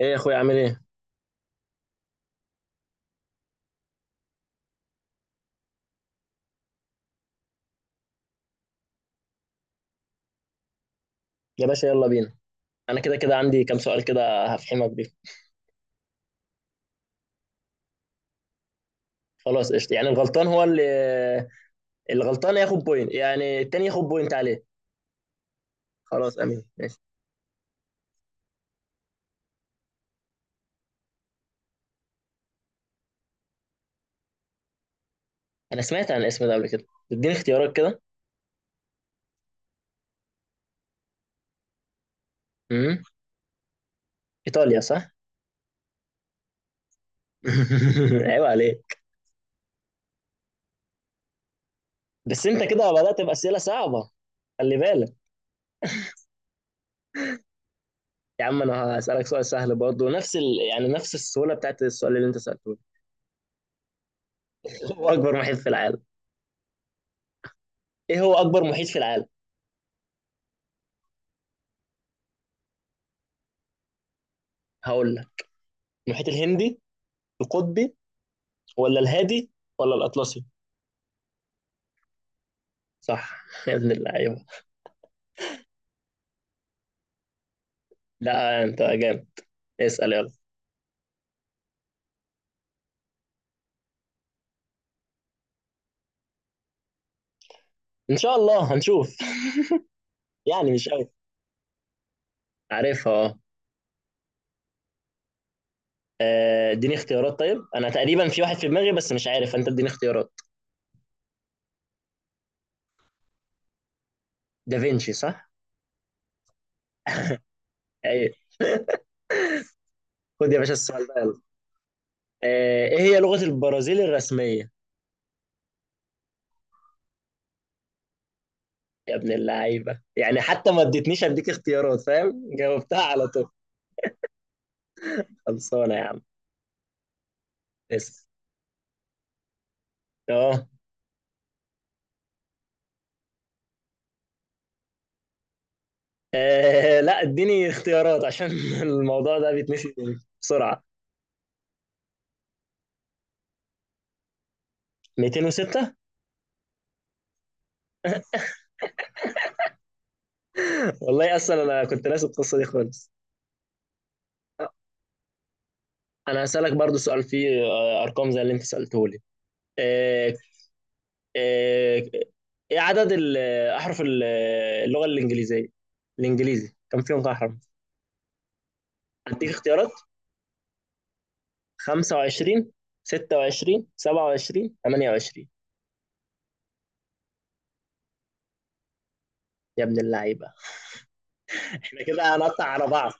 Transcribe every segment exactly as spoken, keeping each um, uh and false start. ايه يا اخويا عامل ايه؟ يا باشا يلا بينا. انا كده كده عندي كام سؤال كده هفحمك بيه. خلاص قشطة. يعني الغلطان هو اللي الغلطان ياخد بوينت، يعني التاني ياخد بوينت عليه. خلاص، امين، ماشي. انا سمعت عن الاسم ده قبل كده، اديني اختيارات كده. امم. ايطاليا، صح. عيب عليك. بس انت كده بدأت بأسئلة صعبة، خلي بالك. يا عم انا هسألك سؤال سهل برضه نفس ال... يعني نفس السهولة بتاعت السؤال اللي انت سألته. هو اكبر محيط في العالم ايه هو اكبر محيط في العالم؟ هقول لك: المحيط الهندي، القطبي، ولا الهادي، ولا الأطلسي؟ صح. يا ابن اللعيبة. لا أنت جامد، اسأل يلا. إن شاء الله هنشوف. يعني مش قوي. عارفها، اه. آه، اديني اختيارات، طيب أنا تقريبا في واحد في دماغي بس مش عارف أنت، اديني اختيارات. دافينشي، صح؟ أيوه. خد يا باشا السؤال ده، يلا. آه، إيه هي لغة البرازيل الرسمية؟ يا ابن اللعيبة، يعني حتى ما اديتنيش، أديك اختيارات فاهم؟ جاوبتها على طول. خلصانة يا عم. اسأل. أه. آه، لا اديني اختيارات عشان الموضوع ده بيتنسي بسرعة. مئتين وستة. والله اصلا انا كنت ناسي القصه دي خالص. انا هسالك برضو سؤال فيه آه، ارقام زي اللي انت سالته لي. آه، آه، ايه عدد ال- احرف ال- آه، اللغه الانجليزيه، الانجليزي كم فيهم احرف؟ هديك اختيارات: خمسة وعشرين، ستة وعشرين، سبعة وعشرين، ثمانية وعشرين؟ يا ابن اللعيبه، احنا كده هنقطع على بعض،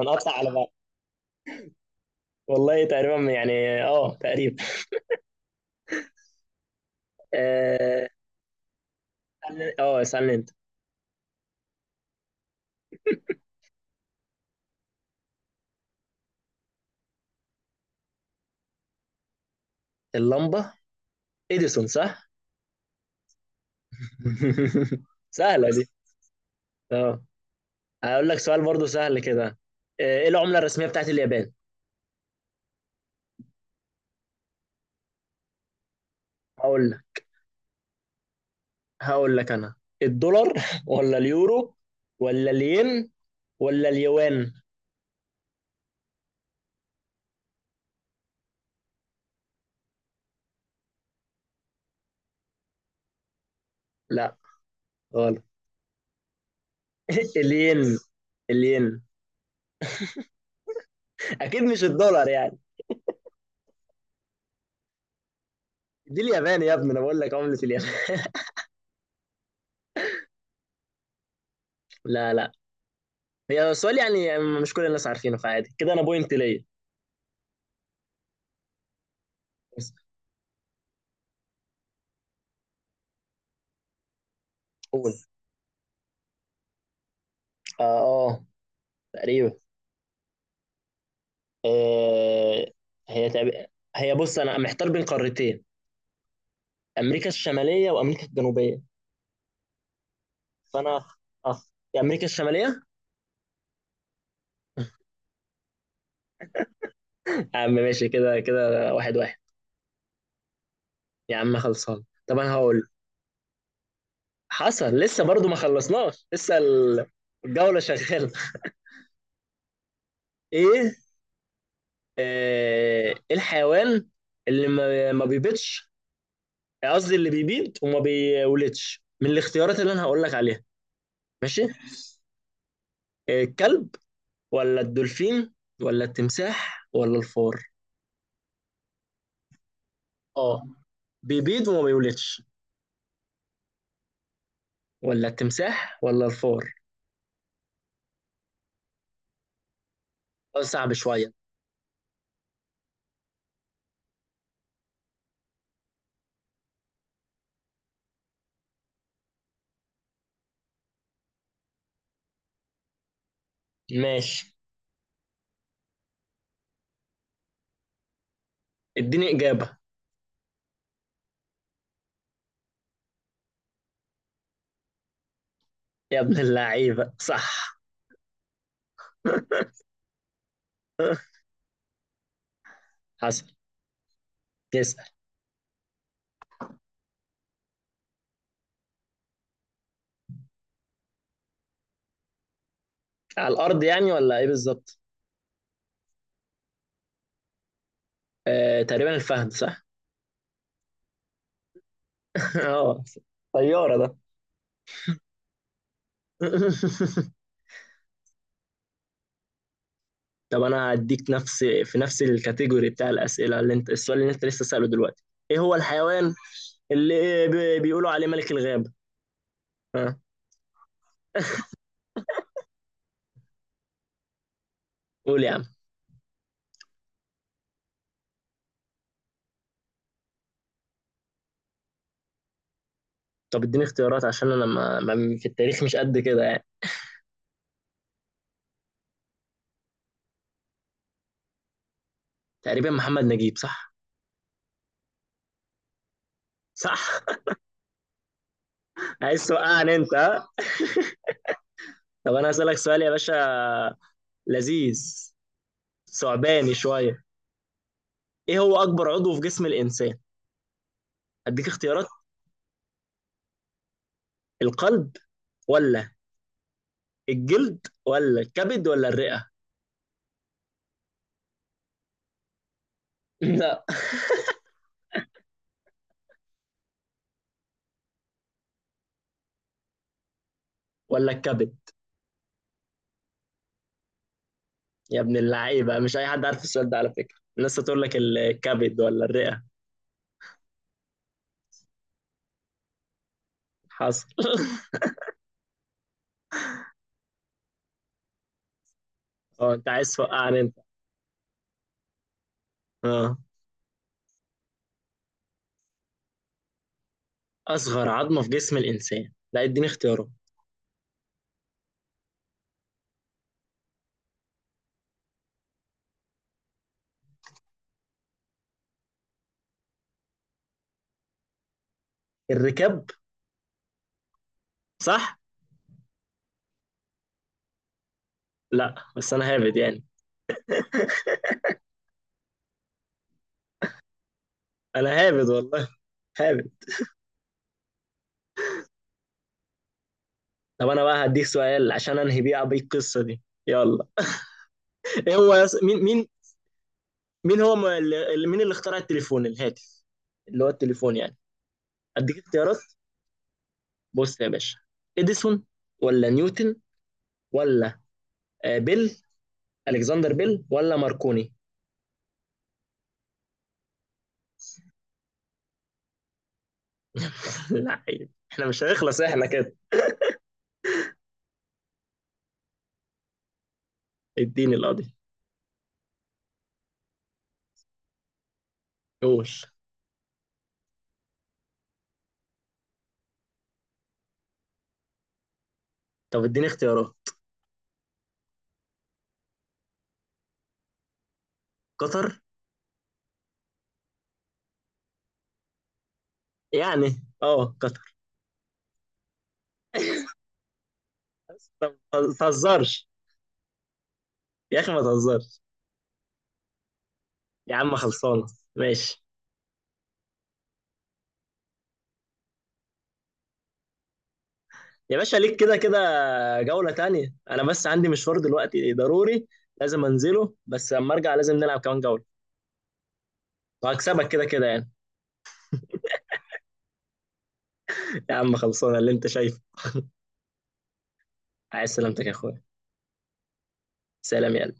هنقطع على بعض. والله تقريبا، يعني اه، تقريبا، اه. اسألني- آه، اسالني انت. اللمبه، اديسون صح. سهلة دي، اه. هقول لك سؤال برضو سهل كده. آه، ايه العملة الرسمية بتاعت اليابان؟ هقول لك، هقول لك انا: الدولار ولا اليورو، ولا الين، ولا اليوان؟ لا، غلط. الين، الين. اكيد مش الدولار يعني. دي اليابان يا ابني، انا بقول لك عملة اليابان. لا لا، هي السؤال يعني مش كل الناس عارفينه، فعادي كده، انا بوينت ليا. بس. قول. اه، اه، تقريبا. آه هي تقريبا- هي بص انا محتار بين قارتين: امريكا الشماليه وامريكا الجنوبيه. فانا أخ... أخ... يا امريكا الشماليه. يا عم ماشي كده كده، واحد واحد. يا عم خلصان، طب انا هقول حصل لسه، برضو ما خلصناش لسه ال- الجوله شغاله. ايه؟ آه، ايه الحيوان اللي ما ما بيبيضش، قصدي اللي بيبيض وما بيولدش، من الاختيارات اللي انا هقول لك عليها. ماشي، آه، الكلب ولا الدولفين ولا التمساح ولا الفار؟ اه، بيبيض وما بيولدش. ولا التمساح، ولا الفار. سؤال صعب شوية. ماشي. اديني إجابة. يا ابن اللعيبة صح. حسن، تسأل. على الأرض يعني ولا إيه بالظبط؟ آه، تقريبا الفهد، صح؟ اه، طيارة ده. طب أنا هديك نفس، في نفس الكاتيجوري بتاع الأسئلة، اللي أنت السؤال اللي أنت لسه سأله دلوقتي: إيه هو الحيوان اللي بي- بيقولوا عليه ملك الغابة؟ ها؟ قول يا عم. طب اديني اختيارات عشان أنا ما ما- في التاريخ مش قد كده يعني. تقريبا محمد نجيب، صح؟ صح. عايز توقعني أنت، ها؟ طب انا هسألك سؤال يا باشا لذيذ، ثعباني شوية. ايه هو اكبر عضو في جسم الانسان؟ اديك اختيارات: القلب، ولا الجلد، ولا الكبد، ولا الرئة؟ لا، ولا الكبد. يا ابن اللعيبة، مش اي حد عارف السؤال ده، على فكرة الناس هتقول لك الكبد ولا الرئة. حصل. اه، انت عايز توقعني انت. اه. اصغر عظمة في جسم الانسان، لا اديني اختيارات. الركاب. صح. لا بس انا هابد يعني، انا هابد والله، هابد. طب انا بقى هديك سؤال عشان انهي بيه بيه القصه دي، يلا. ايه هو يص... مين مين مين هو م- اللي مين اللي اخترع التليفون، الهاتف، اللي هو التليفون يعني. اديك اختيارات، بص يا باشا: اديسون، ولا نيوتن، ولا آه، بيل، الكسندر بيل، ولا ماركوني؟ لا عيب، احنا مش هنخلص احنا كده. اديني القاضي. قول. طب اديني اختيارات. قطر. يعني اه، قطر. طب ما تهزرش. يا اخي ما تهزرش. يا عم خلصانه. ماشي يا باشا، ليك كده كده جولة تانية، أنا بس عندي مشوار دلوقتي ضروري، لازم أنزله، بس لما أرجع لازم نلعب كمان جولة. وهكسبك كده كده يعني. يا عم خلصانة اللي أنت شايفه. عايز سلامتك يا أخويا. سلام يا